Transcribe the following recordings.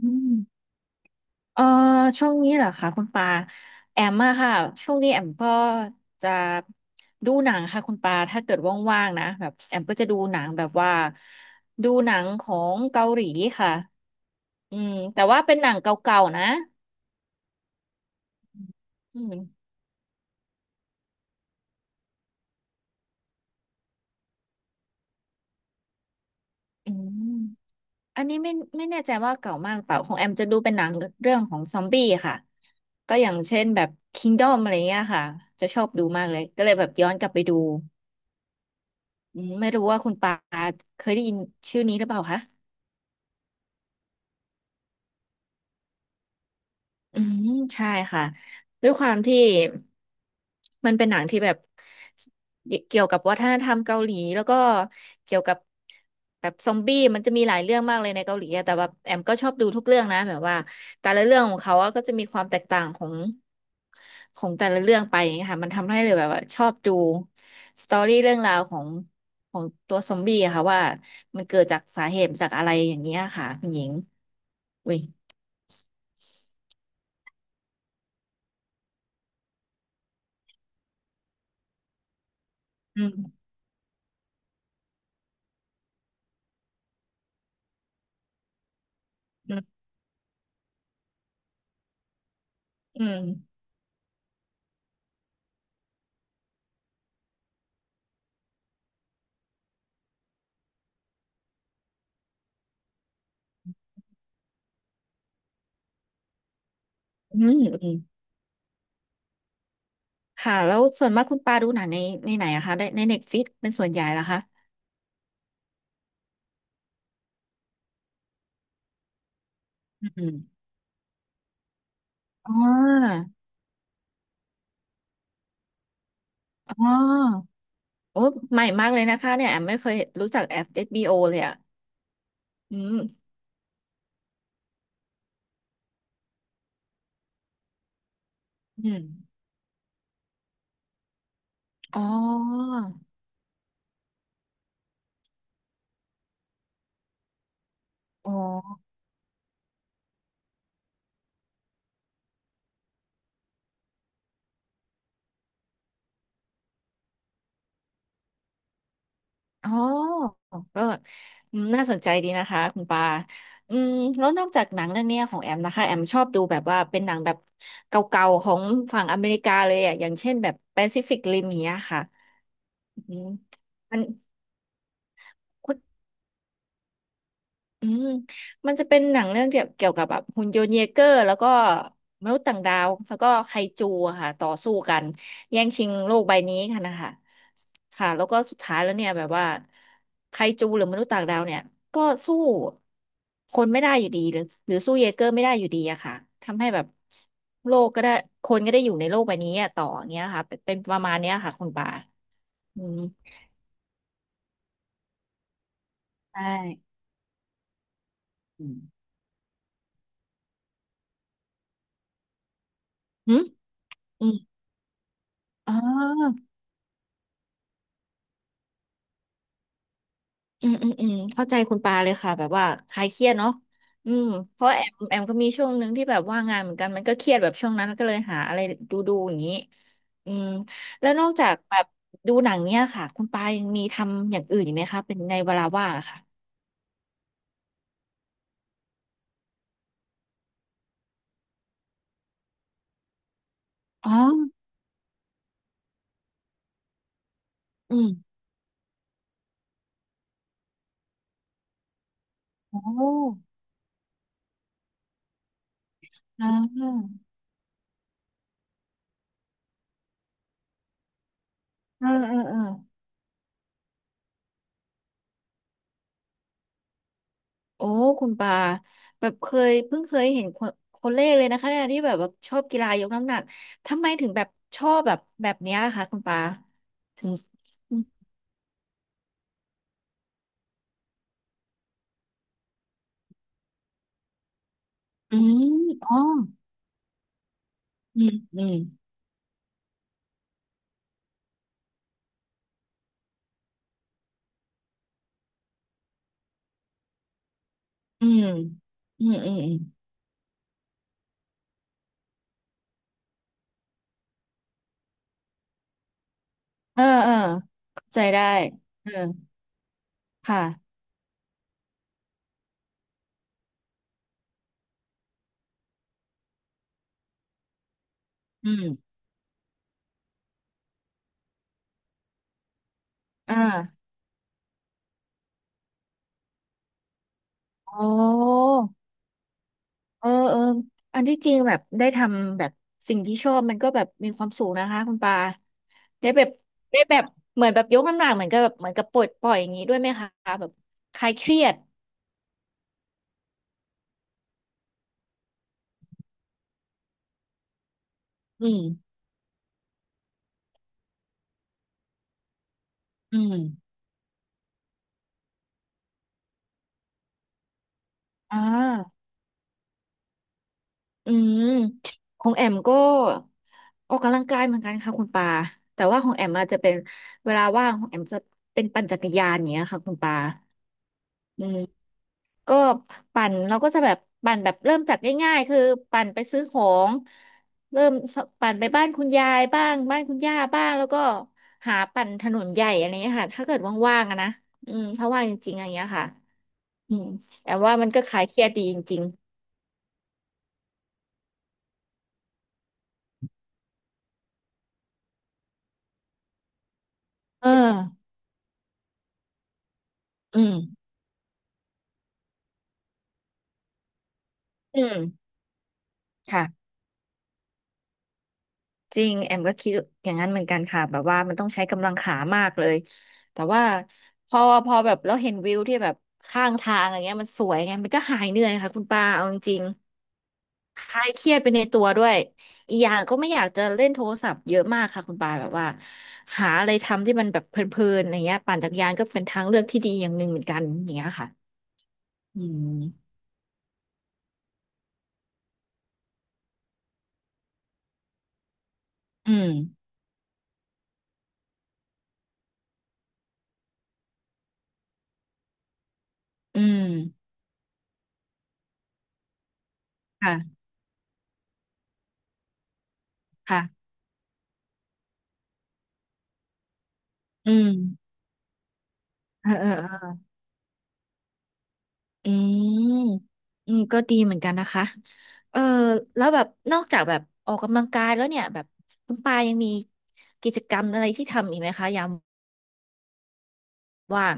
อืมเอ่อช่วงนี้เหรอคะคุณปาแอมมาค่ะช่วงนี้แอมก็จะดูหนังค่ะคุณปาถ้าเกิดว่างๆนะแบบแอมก็จะดูหนังแบบว่าดูหนังของเกาหลีค่ะอืมแต่ว่าเป็นหนังเก่าๆนะอืมอืมอันนี้ไม่แน่ใจว่าเก่ามากหรือเปล่าของแอมจะดูเป็นหนังเรื่องของซอมบี้ค่ะก็อย่างเช่นแบบ Kingdom อมอะไรเงี้ยค่ะจะชอบดูมากเลยก็เลยแบบย้อนกลับไปดู อืมไม่รู้ว่าคุณปาเคยได้ยินชื่อนี้หรือเปล่าคะ อืมใช่ค่ะด้วยความที่มันเป็นหนังที่แบบเกี่ยวกับวัฒนธรรมเกาหลีแล้วก็เกี่ยวกับแบบซอมบี้มันจะมีหลายเรื่องมากเลยในเกาหลีอะแต่แบบแอมก็ชอบดูทุกเรื่องนะแบบว่าแต่ละเรื่องของเขาอะก็จะมีความแตกต่างของของแต่ละเรื่องไปอย่างเงี้ยค่ะมันทำให้เลยแบบว่าชอบดูสตอรี่เรื่องราวของของตัวซอมบี้อะค่ะว่ามันเกิดจากสาเหตุจากอะไรอย่างเงี้ยค่ะคุณหญิงอุ้ยอืมอืมอืม อืมอืมค่ะ แล้วส่วนมากคุณปาดูหนังในในไหนอะคะในในเน็ตฟลิกเป็นส่วนใหญ่เหรอคะอืมอ๋ออ๋อโอ้ใหม่มากเลยนะคะเนี่ยแอมไม่เคยรู้จักแอปเอชบีโ o เลยอะอืมอืมอ๋ออ๋ออ๋อก็อืมน่าสนใจดีนะคะคุณปาอืมแล้วนอกจากหนังเรื่องเนี้ยของแอมนะคะ แอมชอบดูแบบว่าเป็นหนังแบบเก่าๆของฝั่งอเมริกาเลยอะ อย่างเช่นแบบ Pacific Rim อย่างเงี้ยค่ะอืมมัน อืมมันจะเป็นหนังเรื่องเกี่ยวกับแบบหุ่นยนต์เยเกอร์แล้วก็มนุษย์ต่างดาวแล้วก็ไคจูอะค่ะต่อสู้กันแย่งชิงโลกใบนี้กันนะคะค่ะแล้วก็สุดท้ายแล้วเนี่ยแบบว่าไคจูหรือมนุษย์ต่างดาวเนี่ยก็สู้คนไม่ได้อยู่ดีหรือสู้เยเกอร์ไม่ได้อยู่ดีอะค่ะทำให้แบบโลกก็ได้คนก็ได้อยู่ในโลกใบนี้อะต่ออย่างเงี้ยค่ะเป็นประมาณเนี้ยค่ะคุณปาอืมใช่อืมหืมอืมอ๋อ อืมอืมอืมเข้าใจคุณปาเลยค่ะแบบว่าคลายเครียดเนาะอืมเพราะแอมก็มีช่วงหนึ่งที่แบบว่างงานเหมือนกันมันก็เครียดแบบช่วงนั้นก็เลยหาอะไรดูดูอย่างนี้อืมแล้วนอกจากแบบดูหนังเนี่ยค่ะคุณปายังมีทำอย่างอื่นอีกไหมคะเป็นในเวลาว่างอะค่ะอ๋ออืมโอ้อ่าเออเออเออโอ้คุณปาแบบเคยเพิ่งเคยเห็นคนคนแรกเลยนะคะเนี่ยที่แบบว่าชอบกีฬายกน้ำหนักทำไมถึงแบบชอบแบบเนี้ยค่ะคุณปาถึง อืมอ๋ออืมอืม อืม อืม อืมอืมเออเออเข้าใจได้เออค่ะอืมอ่าโอ้เออเอออันที่จริงแบบได้ทำแบบสิ่งที่ชอบมันก็แบบมีความสุขนะคะคุณปาได้แบบได้แบบเหมือนแบบยกน้ำหนักเหมือนกับแบบเหมือนกับปลดปล่อยอย่างนี้ด้วยไหมคะแบบคลายเครียดอืม อืมอ่า อืมของแอมก็ออกกำลังกายเหมือนกันค่ะคุณปาแต่ว่าของแอมอาจจะเป็นเวลาว่างของแอมจะเป็นปั่นจักรยานอย่างเงี้ยค่ะคุณปาอืมก็ปั่นเราก็จะแบบปั่นแบบเริ่มจากง่ายๆคือปั่นไปซื้อของเริ่มปั่นไปบ้านคุณยายบ้างบ้านคุณย่าบ้างแล้วก็หาปั่นถนนใหญ่อะไรเงี้ยค่ะถ้าเกิดว่างๆอะนะอืมถ้าว่างจริงๆอะไรเงี้ยค่ะอืมแอมว่ามันก็คลายเครียดดีจริงๆเอออืมอืมค่ะ จริงแอมก็คิดอย่างนั้นเหมือนกันค่ะแบบว่ามันต้องใช้กำลังขามากเลยแต่ว่าพอพอแบบเราเห็นวิวที่แบบข้างทางอะไรเงี้ยมันสวยไงมันก็หายเหนื่อยค่ะคุณปาเอาจริงๆคลายเครียดไปในตัวด้วยอีกอย่างก็ไม่อยากจะเล่นโทรศัพท์เยอะมากค่ะคุณปาแบบว่าหาอะไรทำที่มันแบบเพลินๆอะไรเงี้ยปั่นจักรยานก็เป็นทางเลือกที่ดีอย่างหนึ่งเหมือนกันอย่างเงี้ยค่ะอืมอืมอืมค่ะค่ะอืมเออ อืม อืม ก็ดีเหมือนกันนะคะ เออแล้วแบบ นอกจากแบบออกกำลังกายแล้วเนี่ยแบบคุณปายังมีกิจกรรมอะไรที่ทำอีกไหมคะยามว่าง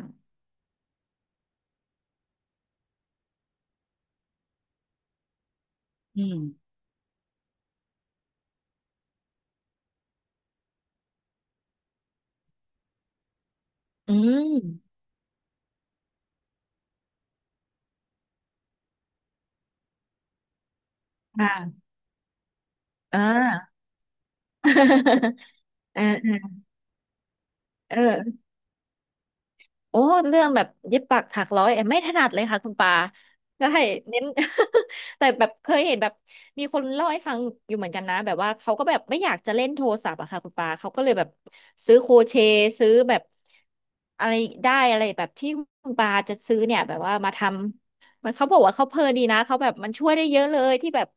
อืม อืมค่ะ อ่า เออ เออ โอ้เรื่องแบบเย็บปักถักร้อยแอมไม่ถนัดเลยค่ะคุณปาได้เน้น แต่แบบเคยเห็นแบบมีคนเล่าให้ฟังอยู่เหมือนกันนะแบบว่าเขาก็แบบไม่อยากจะเล่นโทรศัพท์อะค่ะคุณปาเขาก็เลยแบบซื้อโครเชต์ซื้อแบบอะไรได้อะไรแบบที่คุณปาจะซื้อเนี่ยแบบว่ามาทำมันเขาบอกว่าเขาเพลินดีนะเขาแบบมันช่วยได้เยอะเลยที่แบบ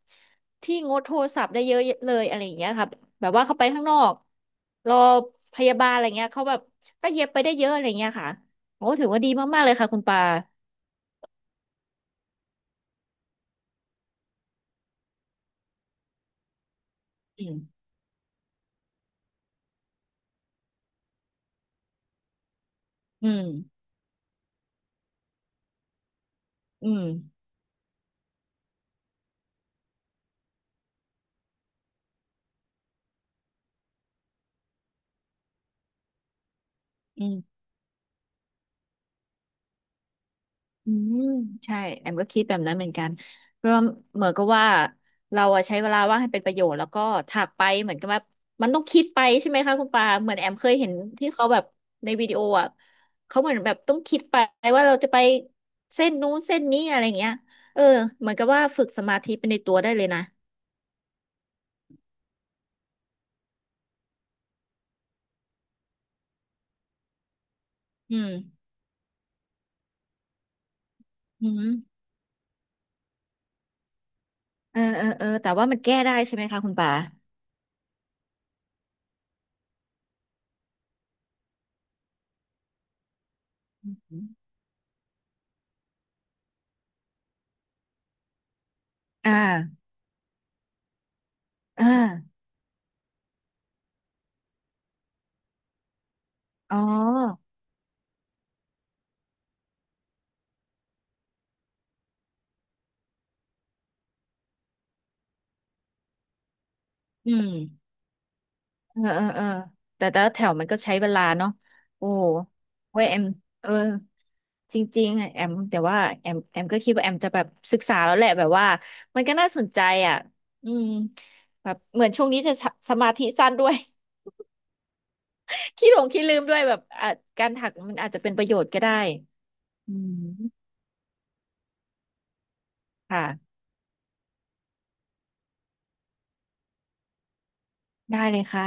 ที่งดโทรศัพท์ได้เยอะเลยอะไรอย่างเงี้ยค่ะแบบว่าเขาไปข้างนอกรอพยาบาลอะไรเงี้ยเขาแบบก็เย็บไปได้เยอะอะไรเงี้ยค่ะ โอ้ถือว่าดีมากๆ เลยค่ะคุณปาอืมอืมอืมอืมอืมใช่แอมก็คิดแบบนั้นเหมือนกันเพราะว่าเหมือนก็ว่าเราอะใช้เวลาว่างให้เป็นประโยชน์แล้วก็ถากไปเหมือนกับว่ามันต้องคิดไปใช่ไหมคะคุณปาเหมือนแอมเคยเห็นที่เขาแบบในวิดีโออะเขาเหมือนแบบต้องคิดไปว่าเราจะไปเส้นนู้นเส้นนี้อะไรอย่างเงี้ยเออเหมือนกับว่าฝึกสมาธิไปในตัวได้เลยนะอืมอืมเออเออเออแต่ว่ามันแก้ได้ใช่ไหมคะคุณปาอมอ่าอ่า อ๋ออืมเออเออเออแต่แต่ละแถวมันก็ใช้เวลาเนาะโอ้เว้ยแอมเออจริงๆอะแอมแต่ว่าแอมก็คิดว่าแอมจะแบบศึกษาแล้วแหละแบบว่ามันก็น่าสนใจอ่ะอืมแบบเหมือนช่วงนี้จะสสมาธิสั้นด้วย ขี้หลงขี้ลืมด้วยแบบอ่ะการถักมันอาจจะเป็นประโยชน์ก็ได้ อืมค่ะ ได้เลยค่ะ